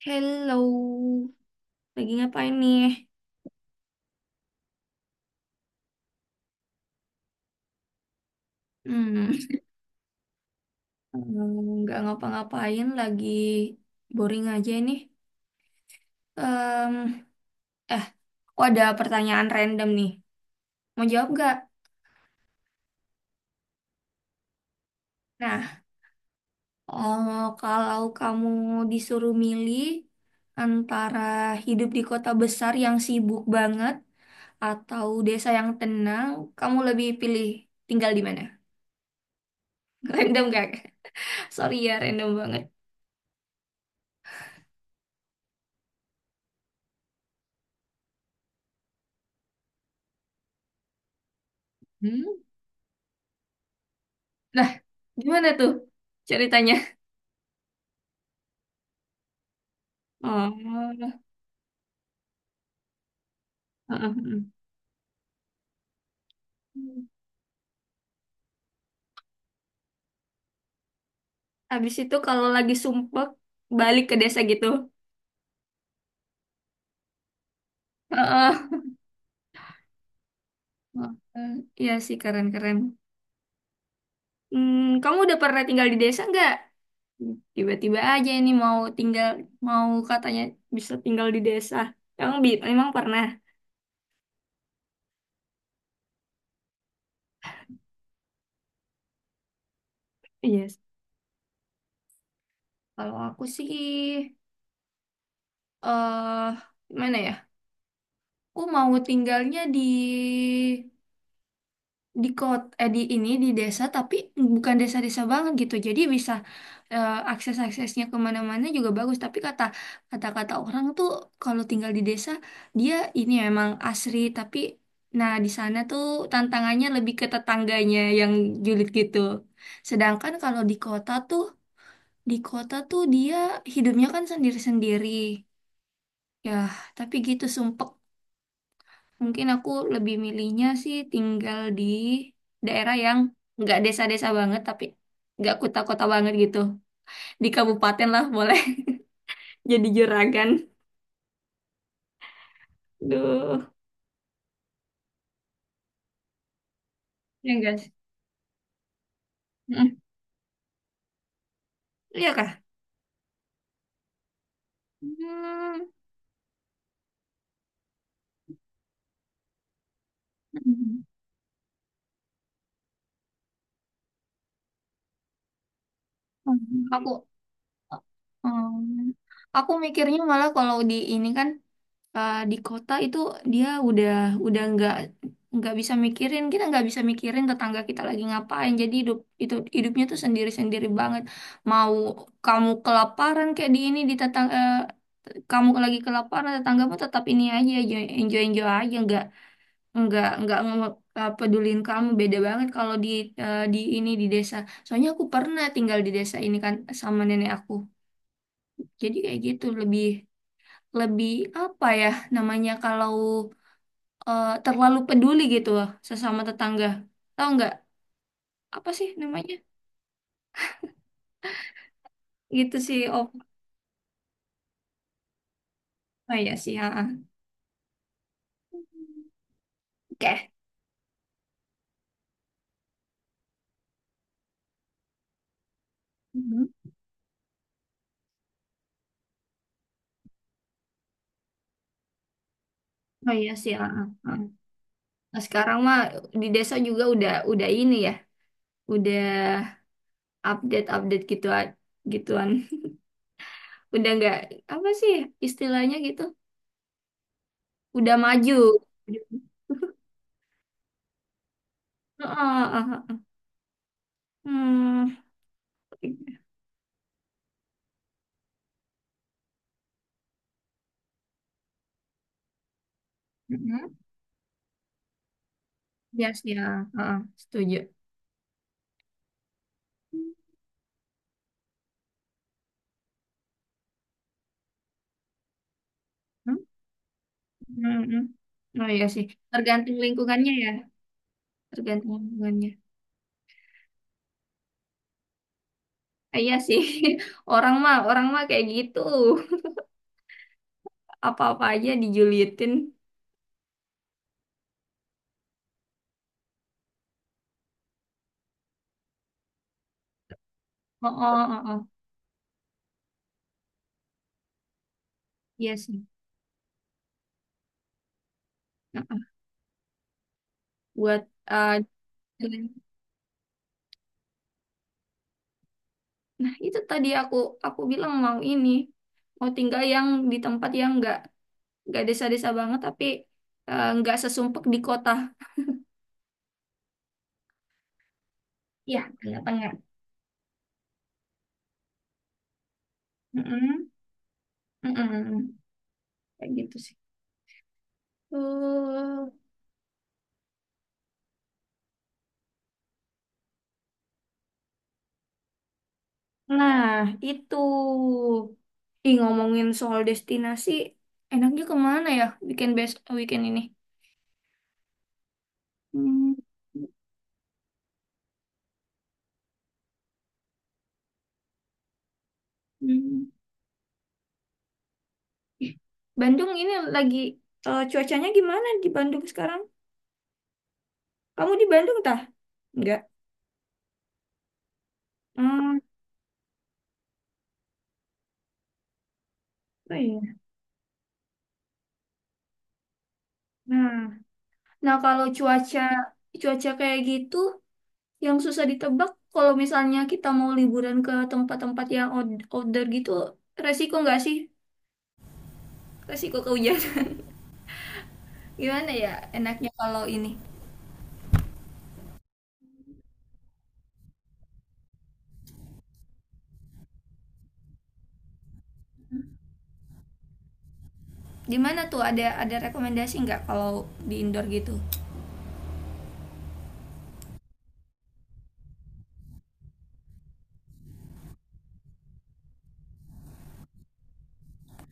Hello, lagi ngapain nih? Hmm. hmm, nggak ngapa-ngapain, lagi boring aja nih. Em, eh, aku ada pertanyaan random nih. Mau jawab nggak? Nah, oh, kalau kamu disuruh milih antara hidup di kota besar yang sibuk banget atau desa yang tenang, kamu lebih pilih tinggal di mana? Random gak? Sorry ya, random banget. Hmm. Lah, gimana tuh ceritanya? Oh, heeh, heeh. Habis itu kalau lagi sumpek balik ke desa gitu. Heeh. Heeh. Iya sih keren-keren. Kamu udah pernah tinggal di desa nggak? Tiba-tiba aja ini mau tinggal, mau katanya bisa tinggal di desa. Emang, emang pernah? Iya. Kalau aku sih, eh gimana ya? Aku mau tinggalnya di kota, eh, di ini, di desa tapi bukan desa-desa banget gitu jadi bisa, akses-aksesnya kemana-mana juga bagus. Tapi kata-kata orang tuh kalau tinggal di desa, dia ini emang asri, tapi nah di sana tuh tantangannya lebih ke tetangganya yang julid gitu. Sedangkan kalau di kota tuh, dia hidupnya kan sendiri-sendiri ya, tapi gitu sumpek. Mungkin aku lebih milihnya sih tinggal di daerah yang nggak desa-desa banget, tapi nggak kota-kota banget gitu. Di kabupaten lah boleh jadi juragan. Duh, ya guys. Mm. Iya kah? Hmm. Aku, um, aku mikirnya malah kalau di ini kan, di kota itu dia udah nggak bisa mikirin, kita nggak bisa mikirin tetangga kita lagi ngapain, jadi hidup itu hidupnya tuh sendiri sendiri banget. Mau kamu kelaparan, kayak di ini, di tetangga kamu lagi kelaparan, tetanggamu tetap ini aja, enjoy enjoy aja nggak nge- pedulin kamu. Beda banget kalau di, di ini, di desa. Soalnya aku pernah tinggal di desa ini kan, sama nenek aku, jadi kayak gitu lebih lebih apa ya namanya kalau, terlalu peduli gitu loh sesama tetangga. Tahu nggak apa sih namanya? Gitu sih. Oh, oh iya sih. Ah, ah. Oke. Mhm. Oh iya sih. Ah, ah, ah. Nah, sekarang mah di desa juga udah ini ya, udah update-update gitu gituan. Udah nggak apa sih istilahnya gitu? Udah maju. Ah, ah, ah. Hmm. Mhm. Iya sih. Ah, ah, ah. Setuju. Hmm. Hmm. Hmm. Oh iya sih, tergantung lingkungannya ya. Tergantung hubungannya. Ah, iya sih, orang mah kayak gitu, apa-apa aja dijulitin. Oh, oh, oh, oh. Iya sih. Ah, ah. Buat ah, nah itu tadi aku bilang mau ini mau tinggal yang di tempat yang nggak desa-desa banget tapi, nggak sesumpek di kota. Iya, tengah-tengah. Mm-mm. Mm-mm. Kayak gitu sih. Eh, Nah, itu. Ih, ngomongin soal destinasi, enaknya kemana ya best weekend ini? Hmm. Hmm. Ih, Bandung ini lagi, cuacanya gimana di Bandung sekarang? Kamu di Bandung tah? Enggak. Hmm, oh iya. Nah, nah kalau cuaca cuaca kayak gitu yang susah ditebak, kalau misalnya kita mau liburan ke tempat-tempat yang outdoor gitu, resiko nggak sih? Resiko kehujanan. Gimana ya enaknya kalau ini? Di mana tuh ada rekomendasi nggak kalau di indoor gitu?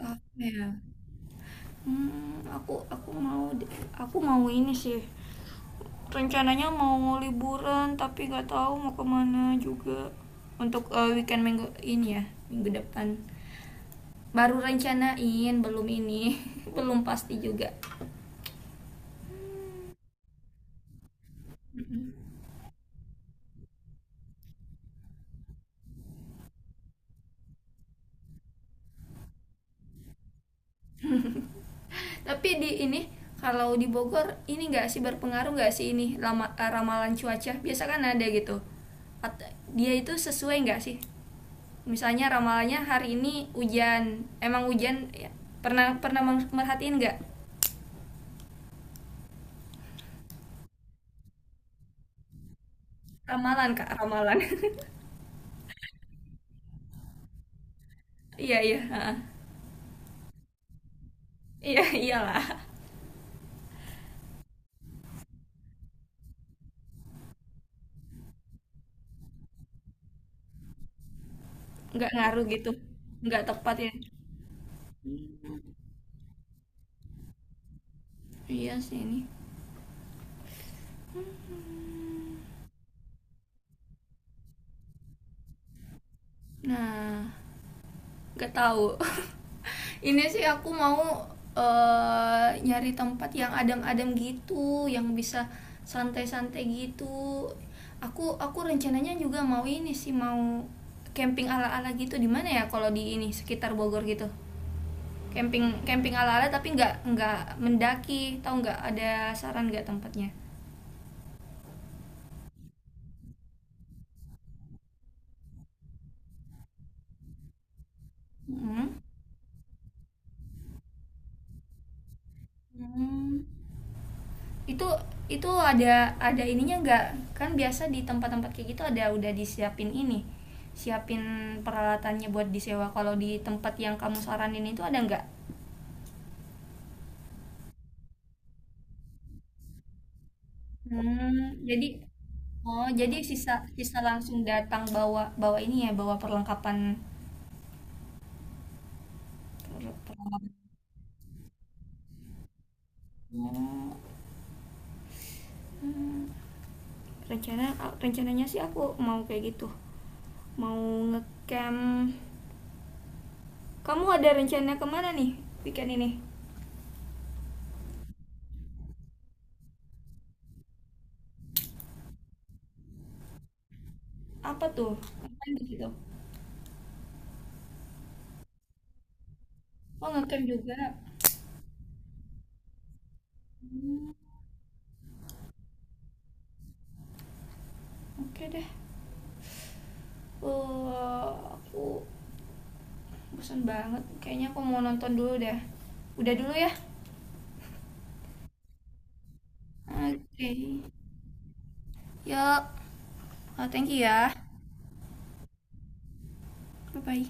Apa ya? Hmm, aku mau ini sih. Rencananya mau liburan tapi nggak tahu mau kemana juga untuk, weekend minggu ini ya minggu depan. Baru rencanain belum ini belum pasti juga. Tapi di ini kalau di Bogor ini nggak sih berpengaruh nggak sih ini lama, eh, ramalan cuaca? Biasa kan ada gitu. At- Dia itu sesuai nggak sih? Misalnya ramalannya hari ini hujan, emang hujan ya. Pernah Pernah merhatiin nggak ramalan? Iya iya heeh. Iya iyalah nggak ngaruh gitu nggak tepat ya. Iya sih ini. Nah gak tahu. Ini sih aku mau, nyari tempat yang adem-adem gitu, yang bisa santai-santai gitu. Aku rencananya juga mau ini sih mau camping ala-ala gitu di mana ya kalau di ini sekitar Bogor gitu. Camping Camping ala-ala tapi nggak mendaki, tahu nggak ada saran nggak tempatnya? Mm. Hmm. itu itu ada ininya nggak, kan biasa di tempat-tempat kayak gitu ada udah disiapin ini siapin peralatannya buat disewa, kalau di tempat yang kamu saranin itu ada nggak? Hmm, jadi oh jadi sisa sisa langsung datang bawa bawa ini ya bawa perlengkapan. Oh, rencana rencananya sih aku mau kayak gitu mau ngecamp, kamu ada rencana kemana nih weekend ini? Apa tuh? Ngapain gitu? Oh ngecamp juga. Oke deh. Eh, aku bosan banget. Kayaknya aku mau nonton dulu deh. Udah dulu ya. Oke. Yuk. Thank you ya. Bye-bye.